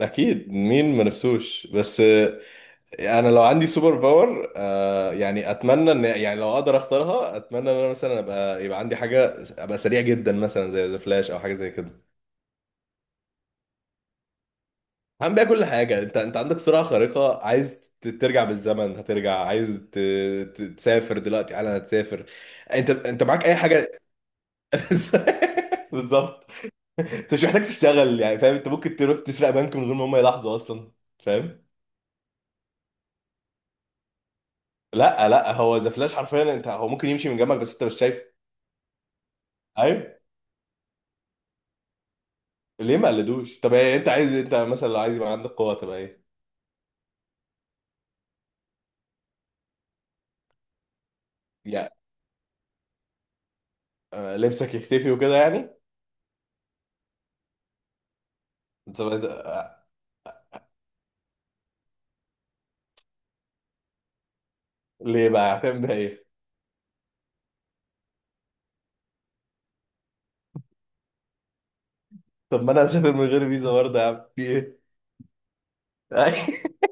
اكيد، مين ما نفسوش؟ بس انا لو عندي سوبر باور يعني، اتمنى ان يعني لو اقدر اختارها، اتمنى ان انا مثلا يبقى عندي حاجه، ابقى سريع جدا مثلا زي ذا فلاش او حاجه زي كده. هعمل بيها كل حاجه. انت عندك سرعه خارقه، عايز ترجع بالزمن هترجع، عايز تسافر دلوقتي حالا هتسافر. انت معاك اي حاجه؟ بالظبط. انت مش محتاج تشتغل يعني، فاهم؟ انت ممكن تروح تسرق بنك من غير ما هم يلاحظوا اصلا، فاهم؟ لا لا، هو ذا فلاش حرفيا، انت، هو ممكن يمشي من جنبك بس انت مش شايفه. ايوه. ليه ما قلدوش؟ طب إيه، انت عايز، انت مثلا لو عايز يبقى عندك قوه، تبقى ايه؟ يعني لبسك يختفي وكده يعني. طب ليه بقى هتعمل بيها ايه؟ طب ما انا هسافر من غير فيزا برضه يا عم، في ايه؟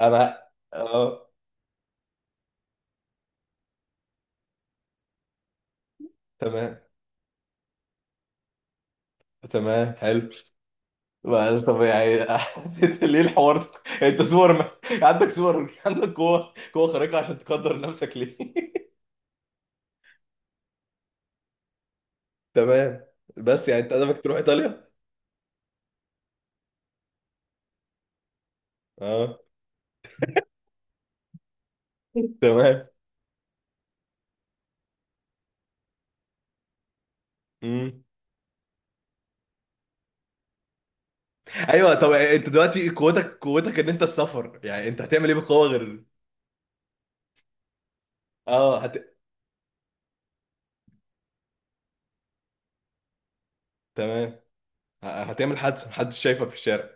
انا. اه، تمام. تمام حلو. بقى طب يعني. ليه الحوار ده؟ انت سوبر مان. عندك قوه، قوه خارقه، عشان تقدر نفسك ليه؟ تمام. بس يعني انت هدفك تروح ايطاليا؟ اه. تمام. مم. ايوه. طب انت دلوقتي قوتك، قوتك ان انت السفر، يعني انت هتعمل ايه بالقوه غير؟ اه، تمام. هتعمل حادثه محدش شايفك في الشارع؟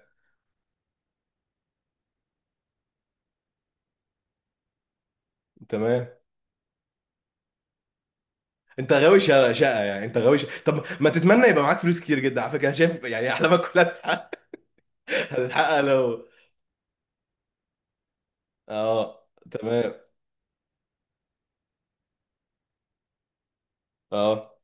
تمام. انت غاوي شقه شقه، يعني انت غاوي شقة. طب ما تتمنى يبقى معاك فلوس كتير جدا، على فكره أنا شايف يعني احلامك كلها هتتحقق. هتتحقق لو. اه تمام. اه.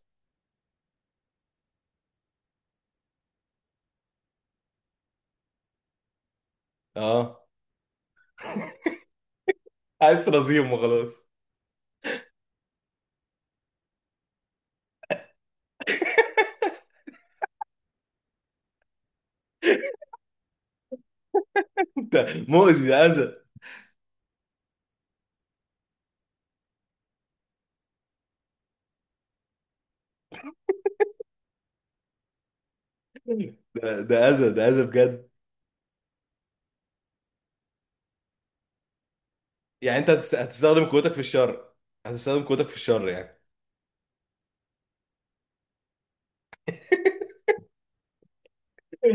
اه، عايز رزيم وخلاص. انت مؤذي، ده اذى. ده اذى، ده اذى بجد. يعني انت هتستخدم قوتك في الشر؟ هتستخدم قوتك في الشر يعني؟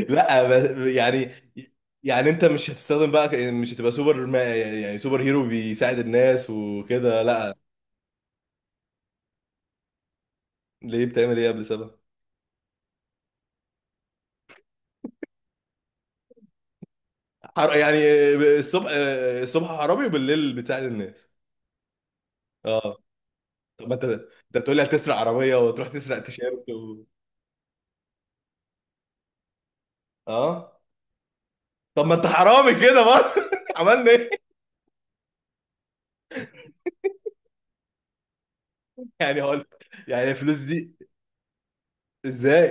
لا، يعني يعني انت مش هتستخدم بقى، مش هتبقى سوبر ما، يعني سوبر هيرو بيساعد الناس وكده، لا؟ ليه بتعمل ايه قبل 7؟ يعني الصبح. الصبح حرامي وبالليل بتساعد الناس؟ اه. طب ما انت، بتقول لي هتسرق عربية وتروح تسرق تيشيرت اه. طب ما انت حرامي كده برضه، عملنا ايه؟ يعني هقول، يعني الفلوس دي ازاي؟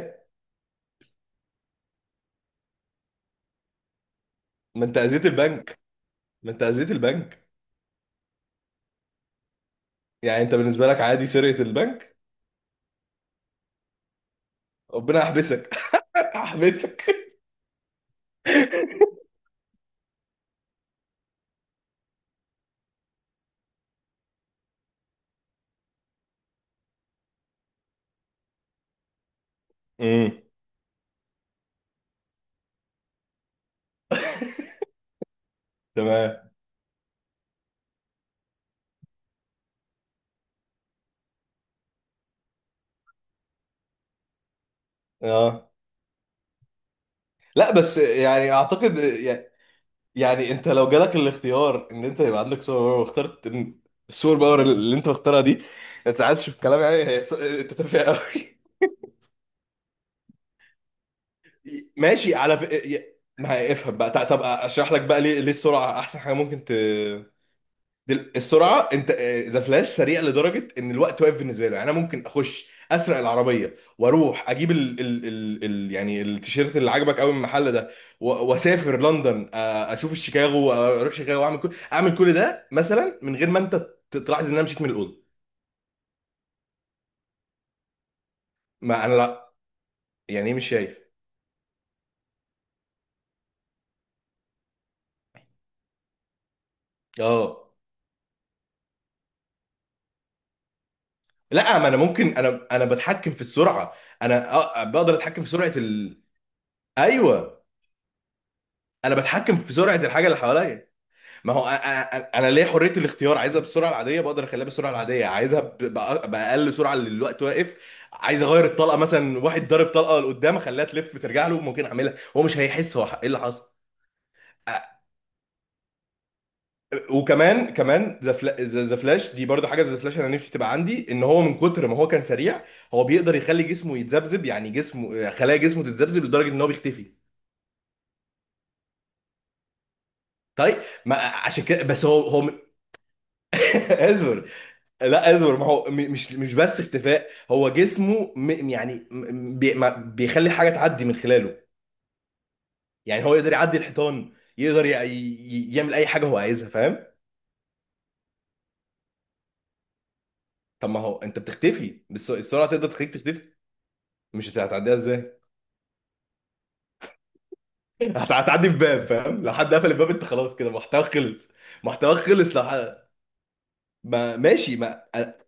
ما انت اذيت البنك، ما انت اذيت البنك. يعني انت بالنسبة لك عادي سرقة البنك؟ ربنا يحبسك. احبسك. امم. تمام. اه. لا بس يعني اعتقد يعني انت لو جالك الاختيار ان انت يبقى عندك سوبر باور، واخترت إن السوبر باور اللي انت مختارها دي، ما تزعلش في الكلام يعني، هي انت تافه قوي. ماشي على ف... ي- ما هي- افهم بقى، طب اشرح لك بقى ليه، ليه السرعه احسن حاجه ممكن السرعه، انت. ذا فلاش سريع لدرجه ان الوقت واقف بالنسبه له، يعني انا ممكن اخش اسرق العربيه واروح اجيب يعني التيشيرت اللي عجبك قوي من المحل ده، واسافر لندن، اشوف الشيكاغو اروح شيكاغو واعمل كل اعمل كل ده مثلا، من غير ما انت تلاحظ ان انا مشيت من الاوضه. ما انا، لا. يعني ايه مش شايف؟ اه. لا، ما انا ممكن، انا بتحكم في السرعه. انا بقدر اتحكم في سرعه. ايوه. انا بتحكم في سرعه الحاجه اللي حواليا. ما هو انا انا أنا ليا حريه الاختيار، عايزها بالسرعه العاديه بقدر اخليها بالسرعه العاديه، عايزها باقل سرعه، اللي الوقت واقف. عايز اغير الطلقه مثلا، واحد ضارب طلقه لقدام اخليها تلف ترجع له، ممكن اعملها، هو مش هيحس هو ايه اللي حصل. وكمان كمان، ذا فلاش دي برضه حاجه. ذا فلاش انا نفسي تبقى عندي ان هو من كتر ما هو كان سريع، هو بيقدر يخلي جسمه يتذبذب، يعني جسمه، خلايا جسمه تتذبذب لدرجه ان هو بيختفي. طيب. ما عشان كده بس هو هو اسف. لا اصبر، ما هو مش بس اختفاء، هو جسمه م يعني م- بي ما بيخلي حاجه تعدي من خلاله، يعني هو يقدر يعدي الحيطان، يقدر يعمل اي حاجه هو عايزها، فاهم؟ طب ما هو انت بتختفي، السرعه تقدر تخليك تختفي؟ مش هتعديها ازاي؟ هتعدي بباب فاهم؟ لو حد قفل الباب انت خلاص كده محتواك خلص. محتواك خلص لو حد. ما ماشي، ما أ-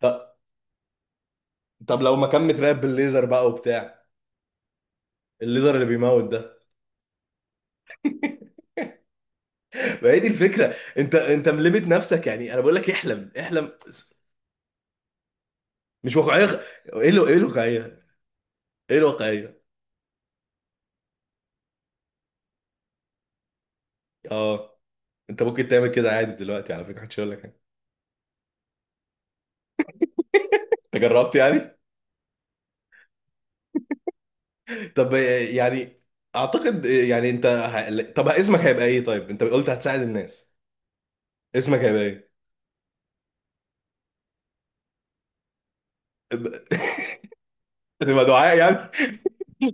طب طب لو ما كان متراقب بالليزر بقى وبتاع، الليزر اللي بيموت ده؟ ما هي دي الفكره. انت، انت ملمت نفسك يعني، انا بقول لك احلم احلم. مش واقعيه. ايه له؟ ايه الواقعيه؟ ايه الواقعيه؟ اه. انت ممكن تعمل كده عادي دلوقتي على فكره، محدش يقول لك حاجه. انت جربت يعني؟ طب. يعني. اعتقد يعني انت طب اسمك هيبقى ايه؟ طيب انت قلت هتساعد الناس، اسمك هيبقى ايه؟ ب- تبقى دعاء يعني؟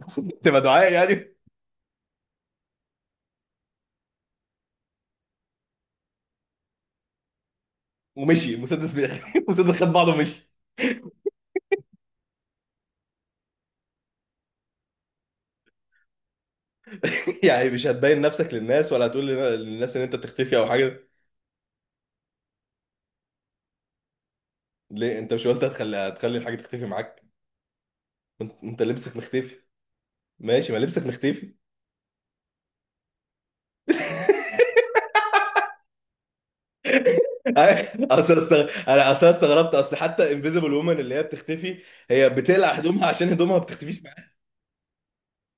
تبقى دعاء يعني؟ ومشي المسدس المسدس خد بعضه ومشي. يعني مش هتبين نفسك للناس، ولا هتقول للناس ان انت بتختفي او حاجه؟ ليه انت مش قلت هتخلي، هتخلي الحاجه تختفي معاك؟ انت لبسك مختفي. ماشي، ما لبسك مختفي. انا اصل استغربت، اصل حتى انفيزبل وومن اللي هي بتختفي، هي بتقلع هدومها عشان هدومها ما بتختفيش معاها.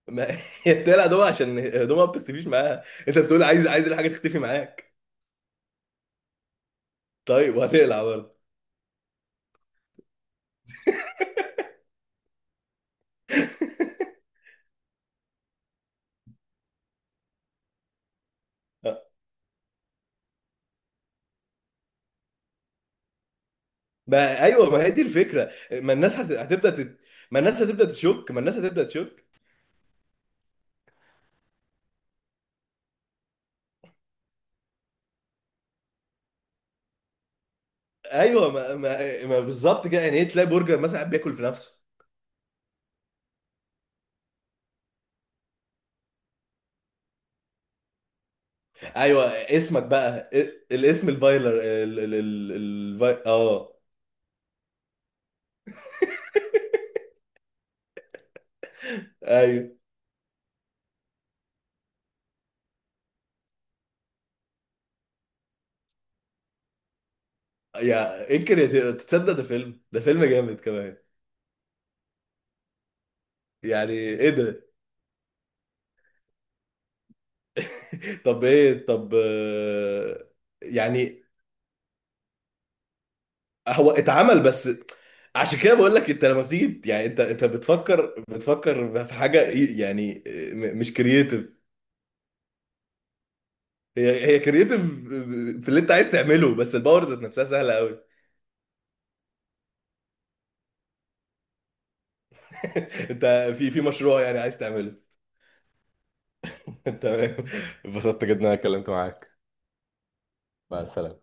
ما... هي بتقلع هدومها عشان هدومها ما بتختفيش معاها. انت بتقول عايز، عايز الحاجه تختفي معاك. طيب وهتقلع برضه؟ أه. ما ايوه، ما هي دي الفكره، ما الناس ما الناس هتبدا تشك، ما الناس هتبدا تشك. ايوه ما بالظبط كده. يعني ايه، تلاقي برجر مثلا قاعد بياكل في نفسه؟ ايوه اسمك بقى الاسم الفايلر، اه. ايوه. يا انكر يا تصدق، ده فيلم، ده فيلم جامد كمان؟ يعني ايه ده؟ طب ايه، طب يعني هو اتعمل بس؟ عشان كده بقول لك، انت لما بتيجي، يعني انت بتفكر، بتفكر في حاجه يعني مش كرييتيف. هي كرييتيف في اللي انت عايز تعمله، بس الباور ذات نفسها سهله قوي. انت، في مشروع يعني عايز تعمله؟ تمام. انبسطت جدا إن انا اتكلمت معاك. مع السلامة.